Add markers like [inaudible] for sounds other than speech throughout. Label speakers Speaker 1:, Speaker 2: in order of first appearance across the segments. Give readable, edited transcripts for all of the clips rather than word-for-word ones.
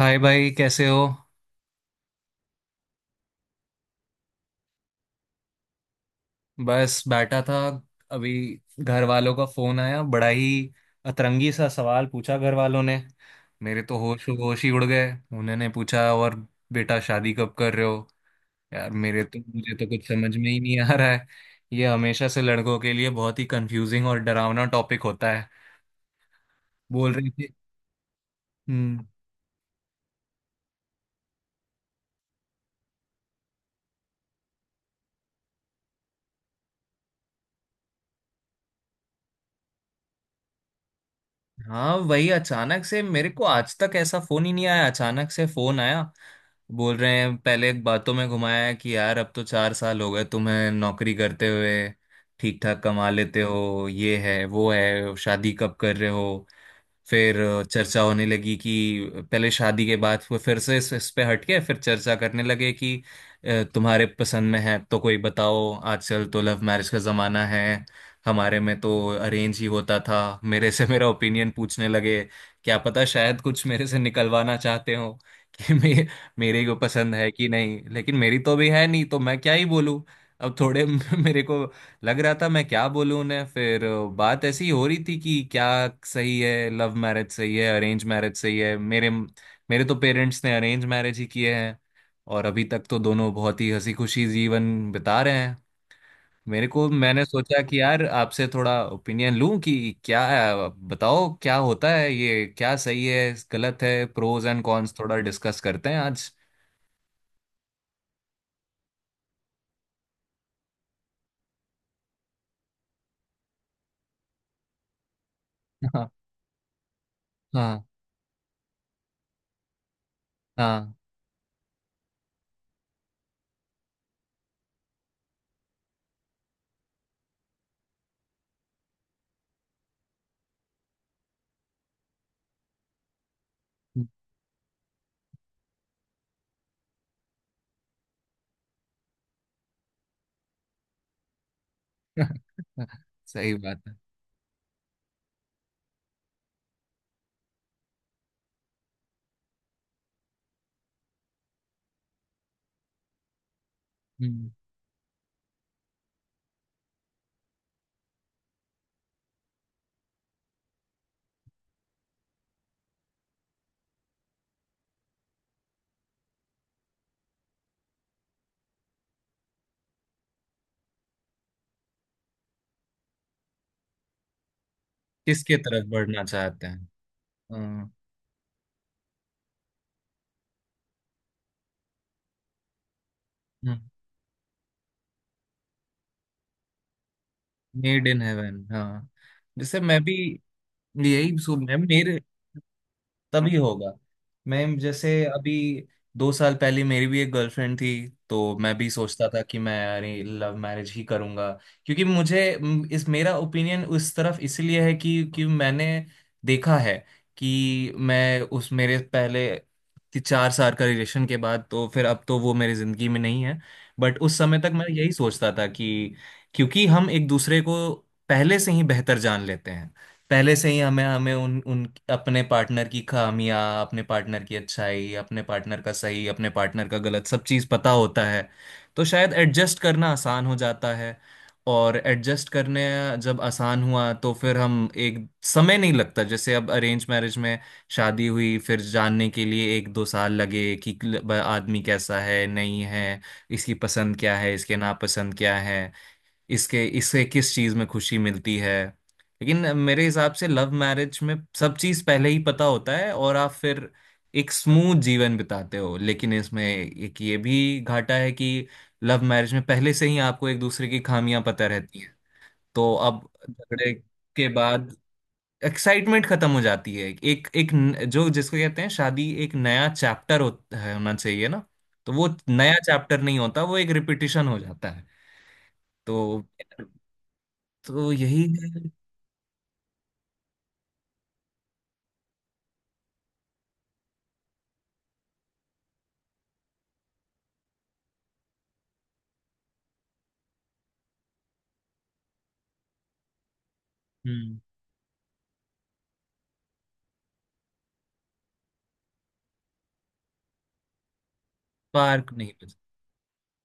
Speaker 1: हाय भाई, कैसे हो? बस बैठा था अभी। घर वालों का फोन आया, बड़ा ही अतरंगी सा सवाल पूछा घर वालों ने। मेरे तो होश होश ही उड़ गए। उन्होंने पूछा, और बेटा शादी कब कर रहे हो। यार, मेरे तो मुझे तो कुछ समझ में ही नहीं आ रहा है। ये हमेशा से लड़कों के लिए बहुत ही कंफ्यूजिंग और डरावना टॉपिक होता है, बोल रही थी। हम्म। हाँ, वही। अचानक से मेरे को आज तक ऐसा फोन ही नहीं आया, अचानक से फोन आया। बोल रहे हैं, पहले एक बातों में घुमाया कि यार अब तो 4 साल हो गए तुम्हें नौकरी करते हुए, ठीक ठाक कमा लेते हो, ये है वो है, शादी कब कर रहे हो। फिर चर्चा होने लगी कि पहले शादी के बाद, वो फिर से इस पे हटके फिर चर्चा करने लगे कि तुम्हारे पसंद में है तो कोई बताओ, आजकल तो लव मैरिज का जमाना है, हमारे में तो अरेंज ही होता था। मेरे से मेरा ओपिनियन पूछने लगे। क्या पता शायद कुछ मेरे से निकलवाना चाहते हो कि [laughs] मे, मेरे को पसंद है कि नहीं, लेकिन मेरी तो भी है नहीं तो मैं क्या ही बोलूं। अब थोड़े [laughs] मेरे को लग रहा था मैं क्या बोलूं उन्हें। फिर बात ऐसी ही हो रही थी कि क्या सही है, लव मैरिज सही है, अरेंज मैरिज सही है। मेरे मेरे तो पेरेंट्स ने अरेंज मैरिज ही किए हैं, और अभी तक तो दोनों बहुत ही हंसी खुशी जीवन बिता रहे हैं। मेरे को मैंने सोचा कि यार आपसे थोड़ा ओपिनियन लूं कि क्या, बताओ क्या होता है ये, क्या सही है गलत है, प्रोज एंड कॉन्स थोड़ा डिस्कस करते हैं आज। [laughs] हाँ, हाँ। हाँ। [laughs] सही बात है। हम्म। किसके तरफ बढ़ना चाहते हैं। हाँ, मेड इन हेवन। हाँ, जैसे मैं भी यही सो- मैं मेरे। तभी होगा। मैं जैसे अभी 2 साल पहले मेरी भी एक गर्लफ्रेंड थी, तो मैं भी सोचता था कि मैं, अरे, लव मैरिज ही करूंगा। क्योंकि मुझे म, इस मेरा ओपिनियन उस तरफ इसलिए है कि मैंने देखा है कि मैं उस मेरे पहले ति- 4 साल का रिलेशन के बाद तो फिर अब तो वो मेरी जिंदगी में नहीं है। बट उस समय तक मैं यही सोचता था कि क्योंकि हम एक दूसरे को पहले से ही बेहतर जान लेते हैं, पहले से ही हमें हमें उन उन अपने पार्टनर की खामियां, अपने पार्टनर की अच्छाई, अपने पार्टनर का सही, अपने पार्टनर का गलत, सब चीज़ पता होता है, तो शायद एडजस्ट करना आसान हो जाता है। और एडजस्ट करने जब आसान हुआ, तो फिर हम एक समय नहीं लगता। जैसे अब अरेंज मैरिज में शादी हुई, फिर जानने के लिए एक दो साल लगे कि आदमी कैसा है नहीं है, इसकी पसंद क्या है, इसके नापसंद क्या है, इसके इससे किस चीज में खुशी मिलती है। लेकिन मेरे हिसाब से लव मैरिज में सब चीज पहले ही पता होता है, और आप फिर एक स्मूथ जीवन बिताते हो। लेकिन इसमें एक ये भी घाटा है कि लव मैरिज में पहले से ही आपको एक दूसरे की खामियां पता रहती हैं, तो अब झगड़े के बाद एक्साइटमेंट खत्म हो जाती है। एक एक न- जो जिसको कहते हैं शादी एक नया चैप्टर होना चाहिए ना। तो वो नया चैप्टर नहीं होता, वो एक रिपीटिशन हो जाता है। तो यही। हम्म। पार्क नहीं पता।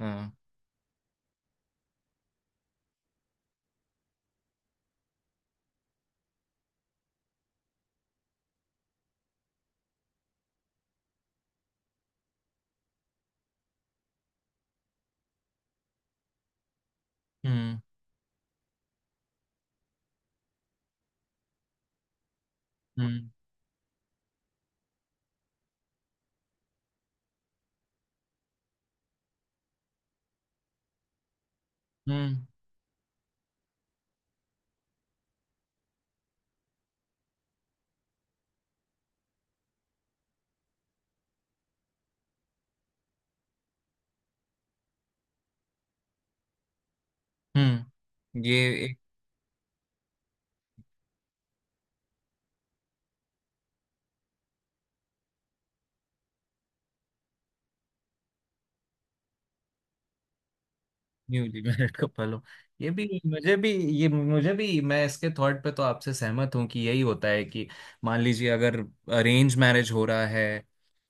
Speaker 1: हाँ। हम्म। हम्म। हम्म। हम्म। ये एक न्यूली मैरिड कपल हो। ये भी मुझे भी ये मुझे भी मैं इसके थॉट पे तो आपसे सहमत हूँ कि यही होता है कि मान लीजिए अगर अरेंज मैरिज हो रहा है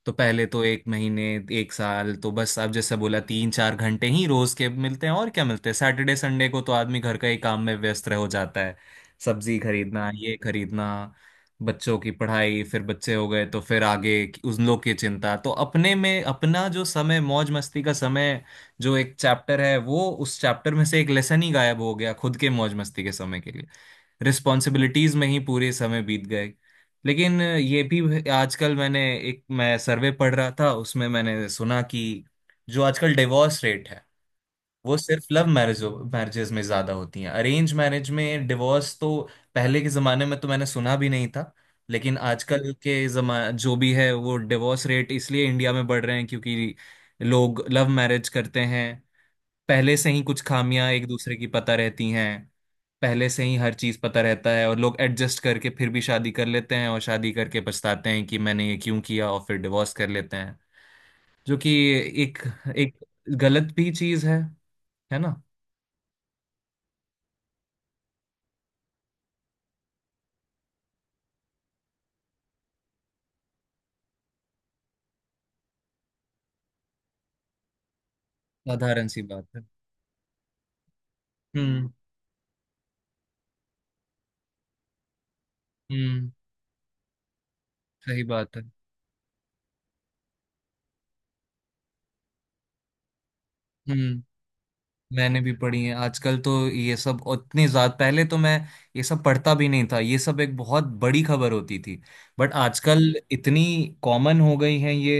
Speaker 1: तो पहले तो एक महीने एक साल तो बस आप जैसे बोला 3-4 घंटे ही रोज के मिलते हैं, और क्या मिलते हैं, सैटरडे संडे को तो आदमी घर का ही काम में व्यस्त रह हो जाता है, सब्जी खरीदना, ये खरीदना, बच्चों की पढ़ाई, फिर बच्चे हो गए तो फिर आगे उन लोग की चिंता, तो अपने में अपना जो समय, मौज मस्ती का समय, जो एक चैप्टर है वो, उस चैप्टर में से एक लेसन ही गायब हो गया, खुद के मौज मस्ती के समय के लिए। रिस्पॉन्सिबिलिटीज में ही पूरे समय बीत गए। लेकिन ये भी आजकल मैं सर्वे पढ़ रहा था, उसमें मैंने सुना कि जो आजकल डिवोर्स रेट है, वो सिर्फ लव मैरिजेस में ज्यादा होती हैं। अरेंज मैरिज में डिवोर्स तो पहले के जमाने में तो मैंने सुना भी नहीं था। लेकिन आजकल के जमा जो भी है, वो डिवोर्स रेट इसलिए इंडिया में बढ़ रहे हैं क्योंकि लोग लव मैरिज करते हैं, पहले से ही कुछ खामियां एक दूसरे की पता रहती हैं, पहले से ही हर चीज पता रहता है, और लोग एडजस्ट करके फिर भी शादी कर लेते हैं और शादी करके पछताते हैं कि मैंने ये क्यों किया, और फिर डिवोर्स कर लेते हैं। जो कि एक एक गलत भी चीज है ना? साधारण सी बात है। हम्म। हम्म। सही बात है। हम्म। मैंने भी पढ़ी है। आजकल तो ये सब उतनी ज्यादा, पहले तो मैं ये सब पढ़ता भी नहीं था, ये सब एक बहुत बड़ी खबर होती थी। बट आजकल इतनी कॉमन हो गई है ये।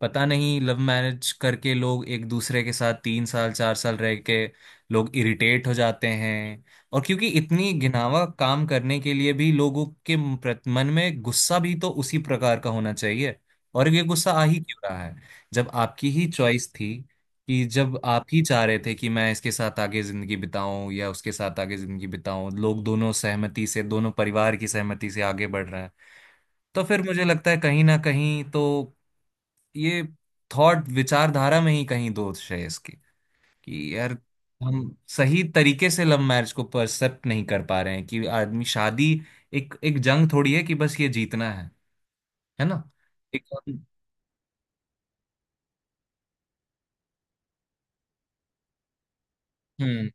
Speaker 1: पता नहीं लव मैरिज करके लोग एक दूसरे के साथ 3 साल 4 साल रह के लोग इरिटेट हो जाते हैं। और क्योंकि इतनी घिनावा काम करने के लिए भी लोगों के मन में गुस्सा भी तो उसी प्रकार का होना चाहिए, और ये गुस्सा आ ही क्यों रहा है जब आपकी ही चॉइस थी, कि जब आप ही चाह रहे थे कि मैं इसके साथ आगे जिंदगी बिताऊं या उसके साथ आगे जिंदगी बिताऊं। लोग दोनों सहमति से, दोनों परिवार की सहमति से आगे बढ़ रहे हैं, तो फिर मुझे लगता है कहीं ना कहीं तो ये थॉट विचारधारा में ही कहीं दोष है इसकी, कि यार हम सही तरीके से लव मैरिज को परसेप्ट नहीं कर पा रहे हैं, कि आदमी शादी एक एक जंग थोड़ी है, कि बस ये जीतना है ना? एक हम्म।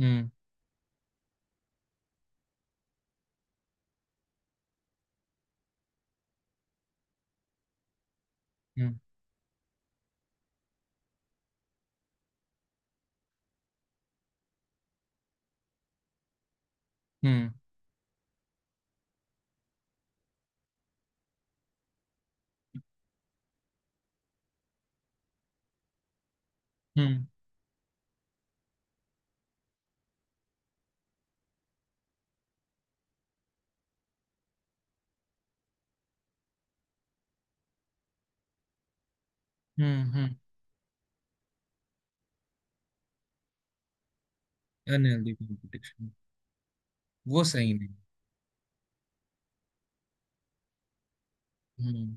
Speaker 1: हम्म। हम्म। हम्म। हम्म। हम्म। हम्म। अनहेल्दी कॉम्पिटिशन, वो सही नहीं। हम्म।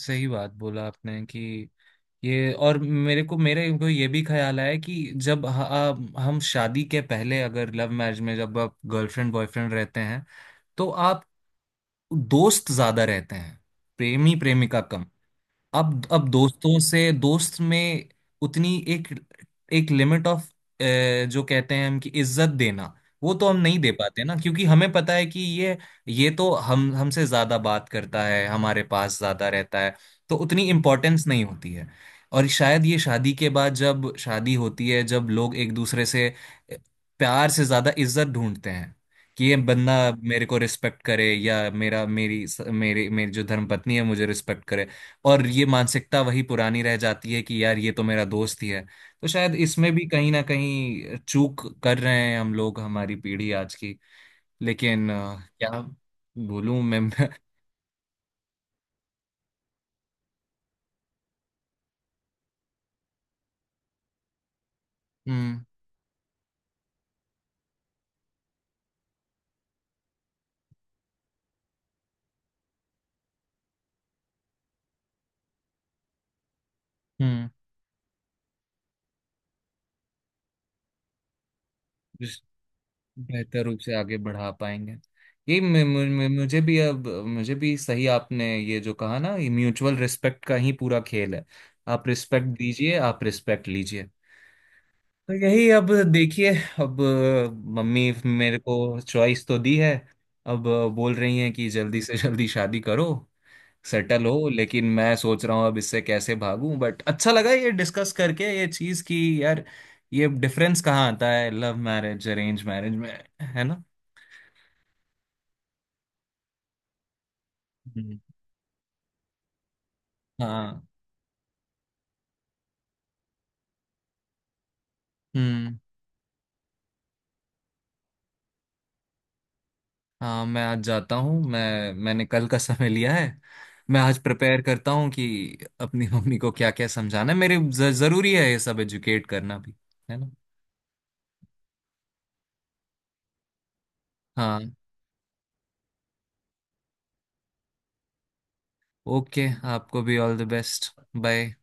Speaker 1: सही बात बोला आपने कि ये, और मेरे को ये भी ख्याल आया कि जब हम शादी के पहले, अगर लव मैरिज में जब आप गर्लफ्रेंड बॉयफ्रेंड रहते हैं तो आप दोस्त ज्यादा रहते हैं, प्रेमी प्रेमिका कम। अब दोस्तों से दोस्त में उतनी एक एक लिमिट ऑफ, जो कहते हैं हम कि इज्जत देना, वो तो हम नहीं दे पाते ना, क्योंकि हमें पता है कि ये तो हम हमसे ज्यादा बात करता है, हमारे पास ज्यादा रहता है, तो उतनी इम्पोर्टेंस नहीं होती है। और शायद ये शादी के बाद, जब शादी होती है, जब लोग एक दूसरे से अ, प्यार से ज्यादा इज्जत ढूंढते हैं, कि ये बंदा मेरे को रिस्पेक्ट करे, या मेरा मेरी मेरी मेरी जो धर्मपत्नी है मुझे रिस्पेक्ट करे। और ये मानसिकता वही पुरानी रह जाती है कि यार ये तो मेरा दोस्त ही है। तो शायद इसमें भी कहीं ना कहीं चूक कर रहे हैं हम लोग, हमारी पीढ़ी आज की। लेकिन क्या बोलूं मैं। [laughs] हम्म। हम्म। जिस- बेहतर रूप से आगे बढ़ा पाएंगे। ये मे- मु- मु- मुझे भी अब मुझे भी सही आपने ये जो कहा ना, ये म्यूचुअल रिस्पेक्ट का ही पूरा खेल है। आप रिस्पेक्ट दीजिए, आप रिस्पेक्ट लीजिए। तो यही। अब देखिए, अब मम्मी मेरे को चॉइस तो दी है, अब बोल रही हैं कि जल्दी से जल्दी शादी करो, सेटल हो। लेकिन मैं सोच रहा हूँ अब इससे कैसे भागूं। बट अच्छा लगा ये डिस्कस करके ये चीज़ कि यार ये डिफरेंस कहाँ आता है लव मैरिज अरेंज मैरिज में, है ना? हम्म। हाँ। हम्म। हाँ। मैं आज जाता हूँ। मैंने कल का समय लिया है। मैं आज प्रिपेयर करता हूँ कि अपनी [laughs] मम्मी को क्या क्या समझाना है। जरूरी है ये सब एजुकेट करना भी, है ना? हाँ। ओके। आपको भी ऑल द बेस्ट। बाय।